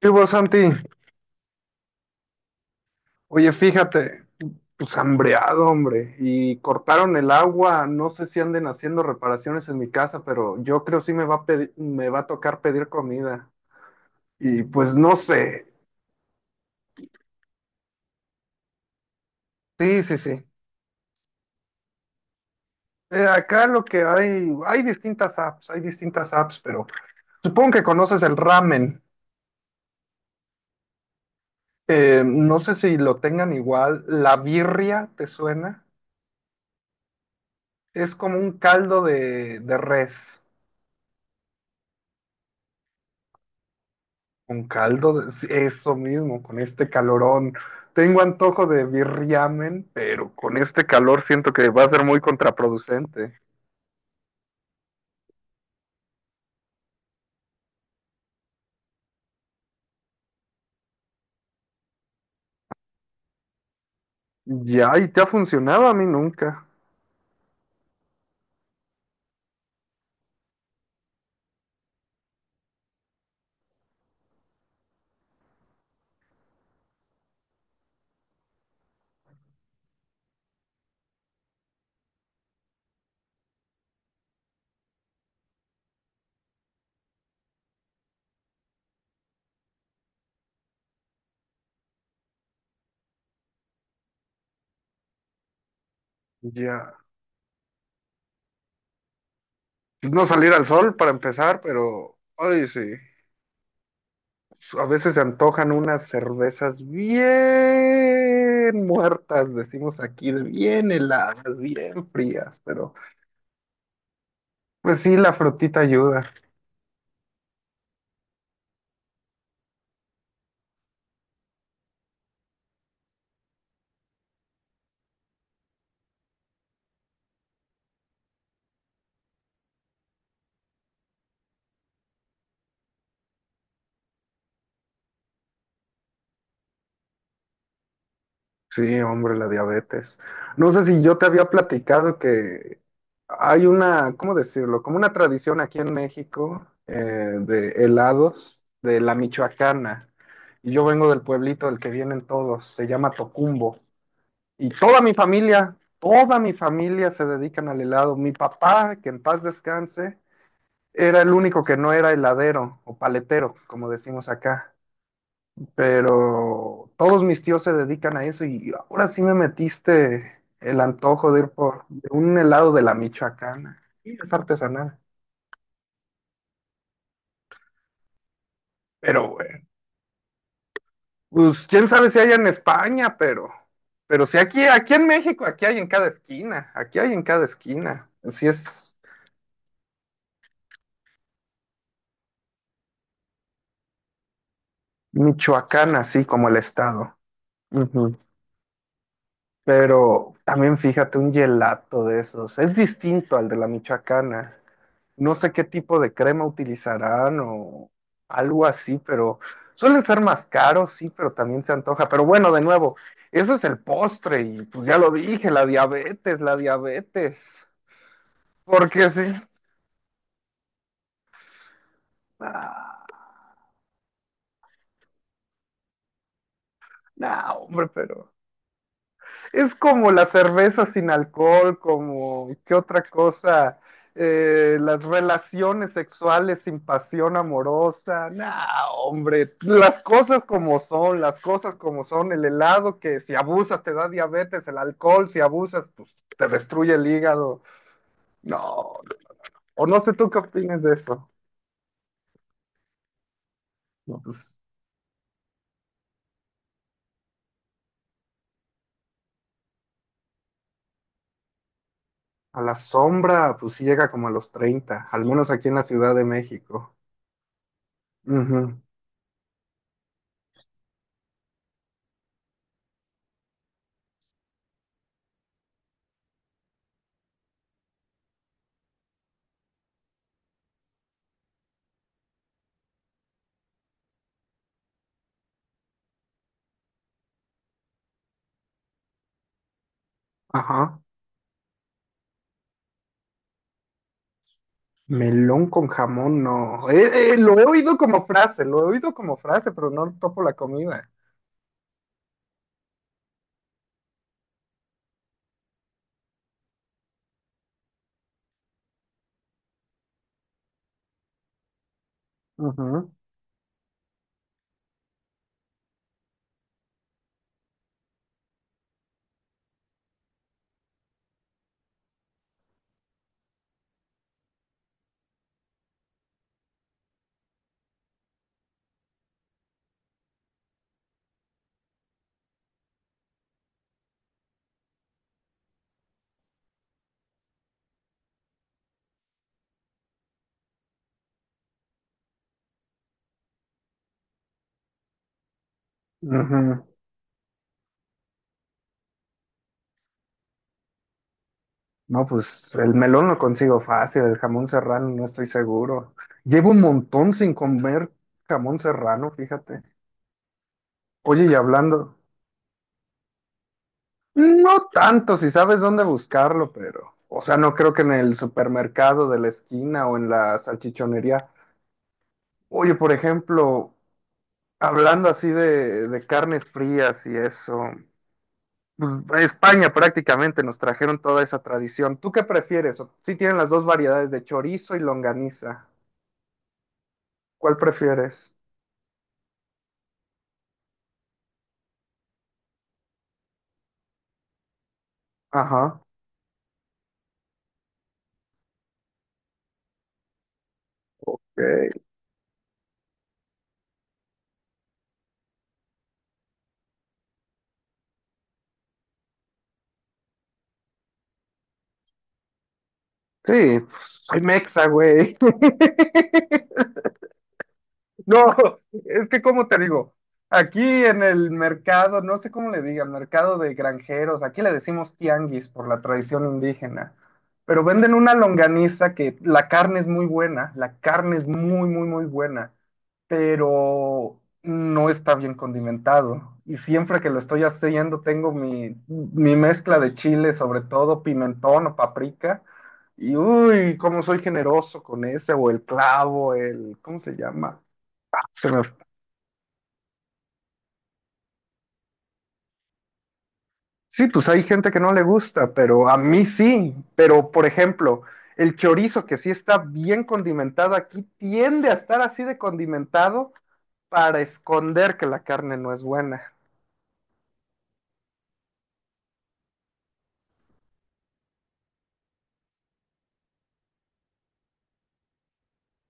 Sí, vos, Santi, oye, fíjate, pues hambreado, hombre, y cortaron el agua, no sé si anden haciendo reparaciones en mi casa, pero yo creo sí me va a me va a tocar pedir comida. Y pues no sé, sí, sí, sí. Acá lo que hay, hay distintas apps, pero supongo que conoces el ramen. No sé si lo tengan igual, la birria, ¿te suena? Es como un caldo de res. Con caldo, sí, eso mismo, con este calorón. Tengo antojo de birriamen, pero con este calor siento que va a ser muy contraproducente. Ya, y te ha funcionado a mí nunca. Ya. No salir al sol para empezar, pero, ay, sí. A veces se antojan unas cervezas bien muertas, decimos aquí, de bien heladas, bien frías, pero pues sí, la frutita ayuda. Sí, hombre, la diabetes. No sé si yo te había platicado que hay una, ¿cómo decirlo? Como una tradición aquí en México, de helados de la Michoacana. Y yo vengo del pueblito del que vienen todos, se llama Tocumbo. Y toda mi familia se dedican al helado. Mi papá, que en paz descanse, era el único que no era heladero o paletero, como decimos acá. Pero todos mis tíos se dedican a eso y ahora sí me metiste el antojo de ir por de un helado de la Michoacana. Y es artesanal. Pero bueno, pues quién sabe si hay en España, pero si aquí, aquí hay en cada esquina, aquí hay en cada esquina. Así es Michoacán, así como el estado. Ujú. Pero también fíjate, un gelato de esos es distinto al de la michoacana. No sé qué tipo de crema utilizarán o algo así, pero suelen ser más caros, sí, pero también se antoja. Pero bueno, de nuevo, eso es el postre y pues ya lo dije, la diabetes, la diabetes. Porque sí. Ah, no, hombre, pero... Es como la cerveza sin alcohol, como qué otra cosa. Las relaciones sexuales sin pasión amorosa. Nah, hombre, las cosas como son, las cosas como son, el helado que si abusas te da diabetes, el alcohol si abusas pues te destruye el hígado. No, o no sé tú qué opinas de eso. No, pues, a la sombra, pues sí llega como a los 30, al menos aquí en la Ciudad de México. Ujú. Ajá. Melón con jamón, no. Lo he oído como frase, lo he oído como frase, pero no topo la comida. Ujú, ujú. No, pues el melón lo consigo fácil, el jamón serrano no estoy seguro. Llevo un montón sin comer jamón serrano, fíjate. Oye, y hablando, no tanto si sabes dónde buscarlo, pero, o sea, no creo que en el supermercado de la esquina o en la salchichonería. Oye, por ejemplo, hablando así de carnes frías y eso. Pues, España prácticamente nos trajeron toda esa tradición. ¿Tú qué prefieres? Si sí tienen las dos variedades de chorizo y longaniza. ¿Cuál prefieres? Ajá. Ok. Sí, pues, soy mexa, güey. No, es que como te digo, aquí en el mercado, no sé cómo le digan, mercado de granjeros, aquí le decimos tianguis por la tradición indígena, pero venden una longaniza que la carne es muy buena, la carne es muy, muy, muy buena. Pero no está bien condimentado. Y siempre que lo estoy haciendo, tengo mi mezcla de chile, sobre todo pimentón o paprika. Y uy, cómo soy generoso con ese, o el clavo, el, ¿cómo se llama? Ah, Sí, pues hay gente que no le gusta, pero a mí sí. Pero, por ejemplo, el chorizo, que sí está bien condimentado aquí, tiende a estar así de condimentado para esconder que la carne no es buena.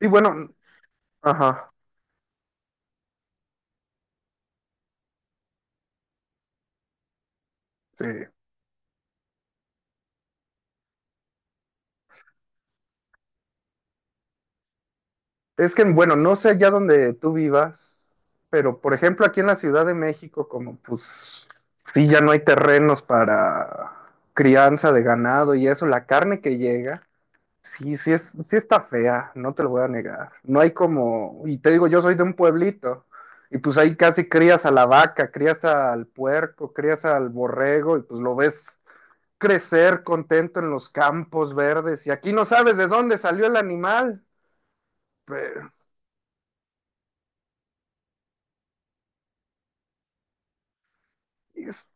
Y bueno, ajá, sí. Es que, bueno, no sé allá donde tú vivas, pero por ejemplo aquí en la Ciudad de México, como pues sí, ya no hay terrenos para crianza de ganado y eso, la carne que llega, sí, es, sí está fea, no te lo voy a negar. No hay como, y te digo, yo soy de un pueblito, y pues ahí casi crías a la vaca, crías al puerco, crías al borrego, y pues lo ves crecer contento en los campos verdes, y aquí no sabes de dónde salió el animal, pero... Es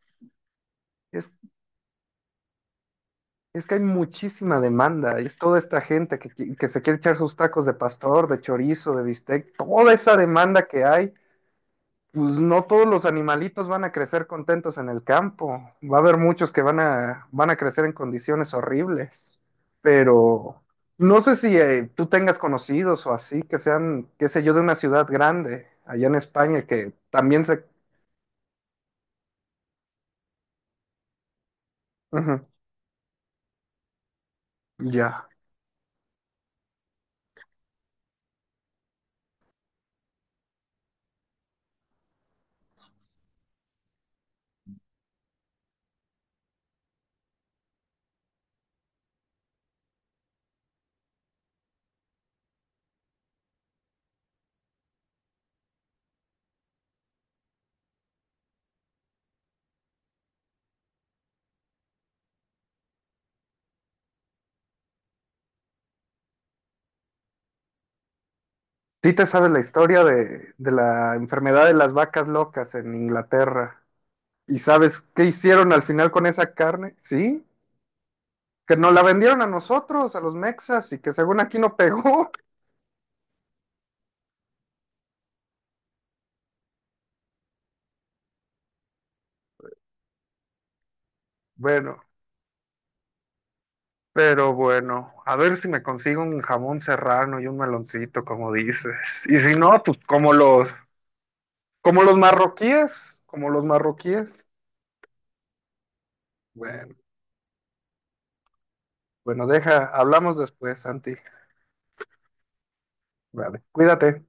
Es, es que hay muchísima demanda, y es toda esta gente que, que se quiere echar sus tacos de pastor, de chorizo, de bistec, toda esa demanda que hay, pues no todos los animalitos van a crecer contentos en el campo, va a haber muchos que van a crecer en condiciones horribles, pero no sé si tú tengas conocidos o así, que sean, qué sé yo, de una ciudad grande, allá en España, que también se... Ujú, ya. Sí te sabes la historia de la enfermedad de las vacas locas en Inglaterra. ¿Y sabes qué hicieron al final con esa carne? Sí, que nos la vendieron a nosotros, a los mexas, y que según aquí no pegó. Bueno, pero bueno, a ver si me consigo un jamón serrano y un meloncito, como dices. Y si no, pues como los marroquíes, como los marroquíes. Bueno, bueno, deja, hablamos después, Santi. Vale, cuídate.